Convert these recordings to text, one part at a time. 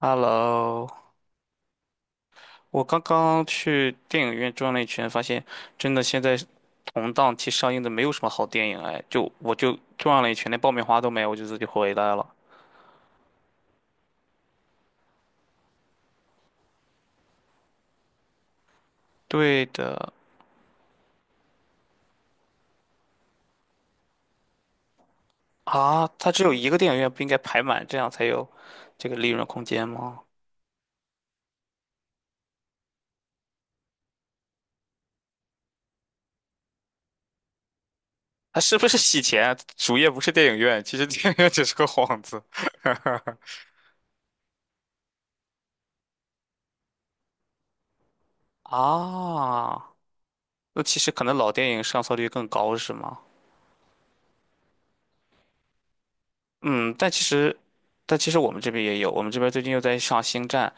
Hello，我刚刚去电影院转了一圈，发现真的现在同档期上映的没有什么好电影哎，我就转了一圈，连爆米花都没有，我就自己回来了。对的。啊，它只有一个电影院，不应该排满，这样才有这个利润空间吗？它是不是洗钱？主页不是电影院，其实电影院只是个幌子。啊，那其实可能老电影上座率更高是吗？嗯，但其实，但其实我们这边也有，我们这边最近又在上《星战》，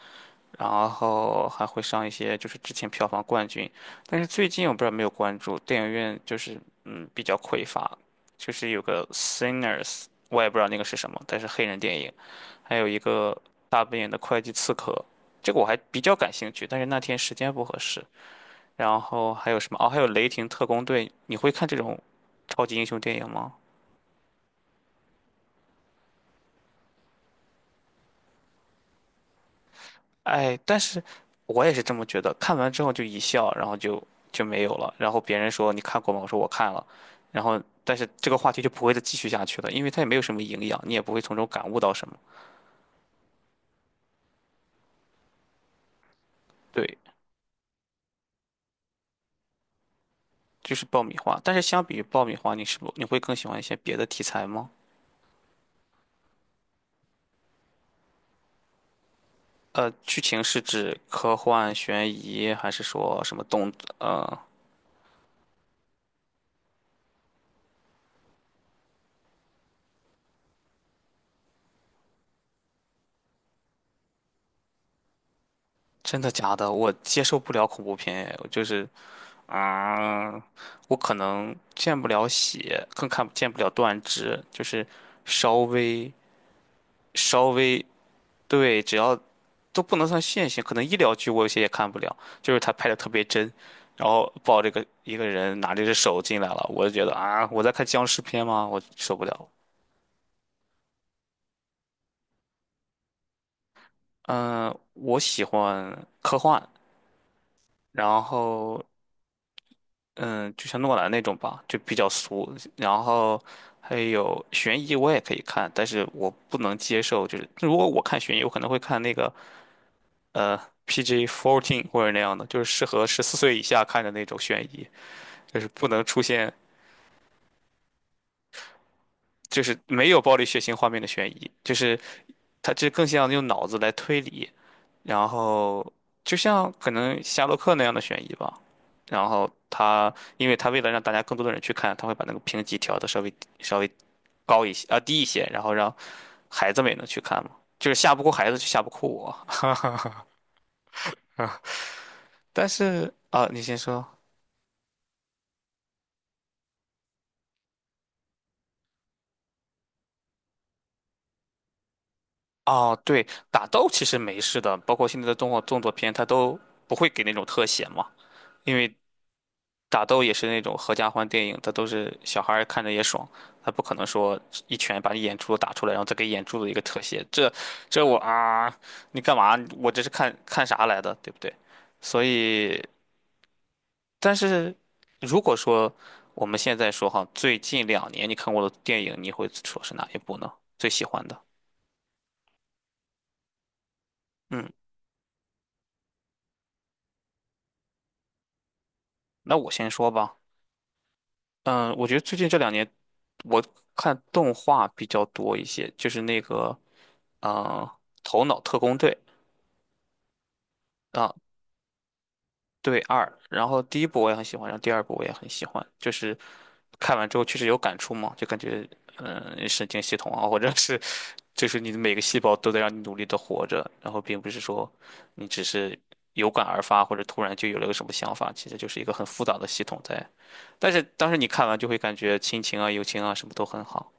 然后还会上一些就是之前票房冠军。但是最近我不知道有没有关注，电影院就是比较匮乏，就是有个《Sinners》,我也不知道那个是什么，但是黑人电影，还有一个大本营的会计刺客，这个我还比较感兴趣，但是那天时间不合适。然后还有什么？哦，还有《雷霆特工队》，你会看这种超级英雄电影吗？哎，但是我也是这么觉得，看完之后就一笑，然后就没有了。然后别人说你看过吗？我说我看了，然后但是这个话题就不会再继续下去了，因为它也没有什么营养，你也不会从中感悟到什么。对，就是爆米花。但是相比于爆米花，你是不你会更喜欢一些别的题材吗？呃，剧情是指科幻、悬疑，还是说什么动？呃，真的假的？我接受不了恐怖片，我就是啊，我可能见不了血，更看不了断肢，就是稍微稍微对。只要都不能算现行，可能医疗剧我有些也看不了，就是他拍的特别真，然后抱这个一个人拿着只手进来了，我就觉得啊，我在看僵尸片吗？我受不了。嗯、我喜欢科幻，然后嗯，就像诺兰那种吧，就比较俗。然后还有悬疑，我也可以看，但是我不能接受，就是如果我看悬疑，我可能会看那个呃 PG-14 或者那样的，就是适合14岁以下看的那种悬疑，就是不能出现就是没有暴力血腥画面的悬疑，就是它这更像用脑子来推理，然后就像可能夏洛克那样的悬疑吧。然后他，因为他为了让大家更多的人去看，他会把那个评级调的稍微高一些，啊，低一些，然后让孩子们也能去看嘛，就是吓不哭孩子就吓不哭我。但是啊、你先说。哦，对，打斗其实没事的，包括现在的动画动作片，它都不会给那种特写嘛，因为打斗也是那种合家欢电影，它都是小孩儿看着也爽，他不可能说一拳把你眼珠子打出来，然后再给眼珠子一个特写，这我啊，你干嘛？我这是看看啥来的，对不对？所以但是如果说我们现在说哈，最近两年你看过的电影，你会说是哪一部呢？最喜欢的？嗯，那我先说吧。嗯，我觉得最近这2年我看动画比较多一些，就是那个嗯，头脑特工队》。啊，对二，然后第一部我也很喜欢，然后第二部我也很喜欢，就是看完之后确实有感触嘛，就感觉神经系统啊，或者是就是你的每个细胞都在让你努力的活着，然后并不是说你只是有感而发或者突然就有了个什么想法，其实就是一个很复杂的系统在。但是当时你看完就会感觉亲情啊、友情啊什么都很好。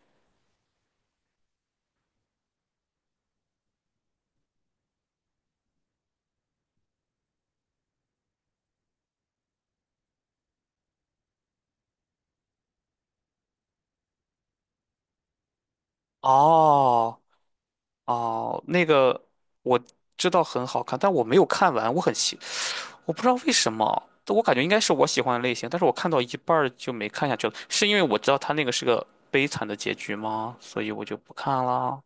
哦。哦，那个我知道很好看，但我没有看完，我很期。我不知道为什么，我感觉应该是我喜欢的类型，但是我看到一半儿就没看下去了，是因为我知道他那个是个悲惨的结局吗？所以我就不看了。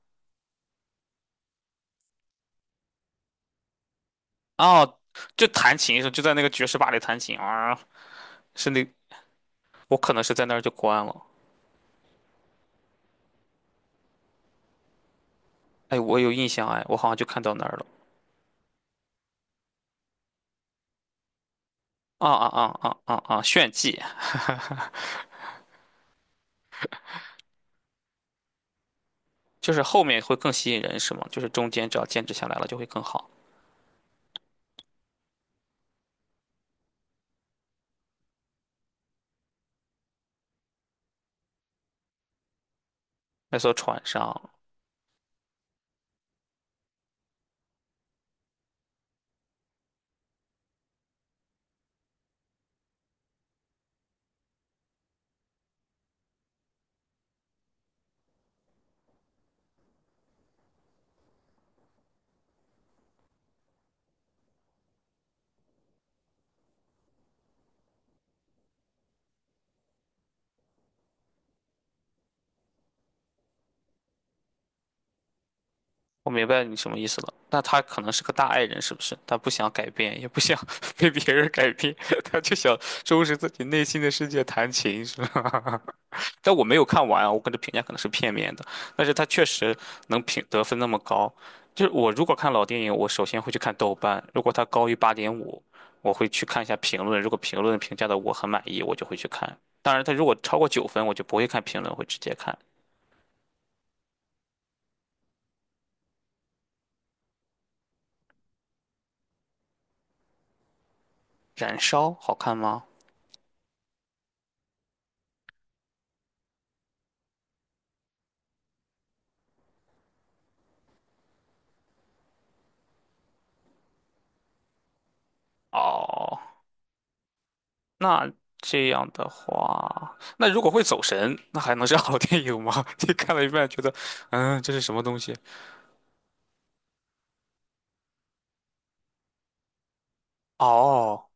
哦，就弹琴的时候，就在那个爵士吧里弹琴啊，是那，我可能是在那儿就关了。哎，我有印象，哎，我好像就看到那儿了。啊啊啊啊啊啊！炫技就是后面会更吸引人，是吗？就是中间只要坚持下来了，就会更好。那艘船上。我明白你什么意思了。那他可能是个大爱人，是不是？他不想改变，也不想 被别人改变，他就想收拾自己内心的世界，弹琴，是吧？但我没有看完啊我给的评价可能是片面的，但是他确实能评得分那么高。就是我如果看老电影，我首先会去看豆瓣，如果它高于8.5，我会去看一下评论。如果评论评价的我很满意，我就会去看。当然，它如果超过9分，我就不会看评论，会直接看。燃烧好看吗？哦。那这样的话，那如果会走神，那还能是好电影吗？你看了一半觉得，嗯，这是什么东西？哦。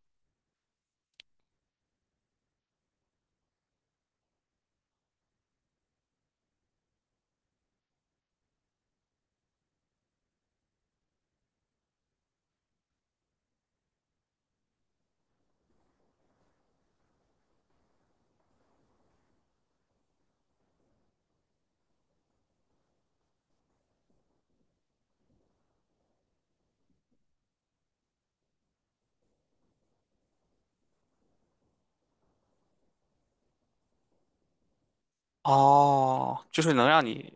哦，就是能让你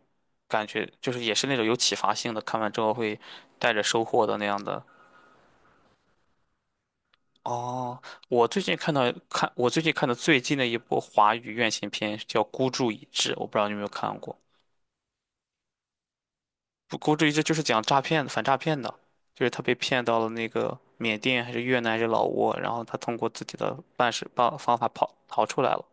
感觉，就是也是那种有启发性的，看完之后会带着收获的那样的。哦，我最近看到看我最近看的最近的一部华语院线片叫《孤注一掷》，我不知道你有没有看过。不，国际一这就是讲诈骗的，反诈骗的，就是他被骗到了那个缅甸还是越南还是老挝，然后他通过自己的办方法跑逃出来了。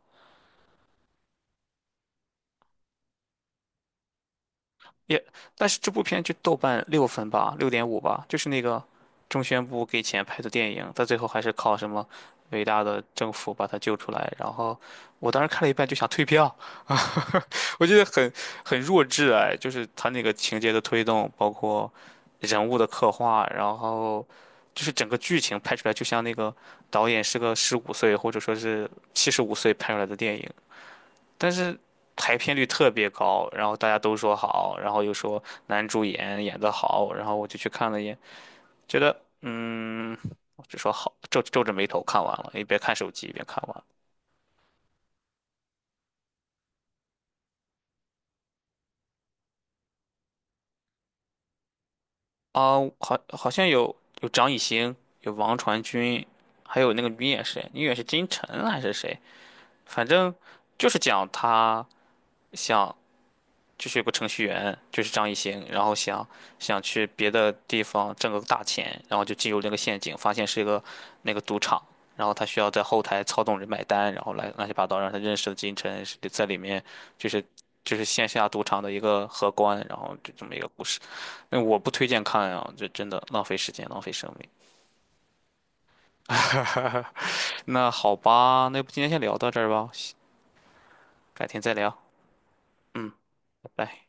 也，但是这部片就豆瓣6分吧，6.5吧，就是那个中宣部给钱拍的电影，他最后还是靠什么伟大的政府把他救出来。然后我当时看了一半就想退票，我觉得很弱智哎，就是他那个情节的推动，包括人物的刻画，然后就是整个剧情拍出来，就像那个导演是个十五岁或者说是75岁拍出来的电影，但是排片率特别高，然后大家都说好，然后又说男主演演得好，然后我就去看了一眼，觉得嗯，我只说好，皱皱着眉头看完了，一边看手机一边看完了。啊，好，好像有张艺兴，有王传君，还有那个女演谁，女演员是金晨还是谁？反正就是讲他想就是有个程序员，就是张艺兴，然后想去别的地方挣个大钱，然后就进入那个陷阱，发现是一个那个赌场，然后他需要在后台操纵人买单，然后来乱七八糟，让他认识了金晨，是在里面就是就是线下赌场的一个荷官，然后就这么一个故事。那我不推荐看啊，这真的浪费时间，浪费生命。那好吧，那要不今天先聊到这儿吧，改天再聊。嗯，拜拜。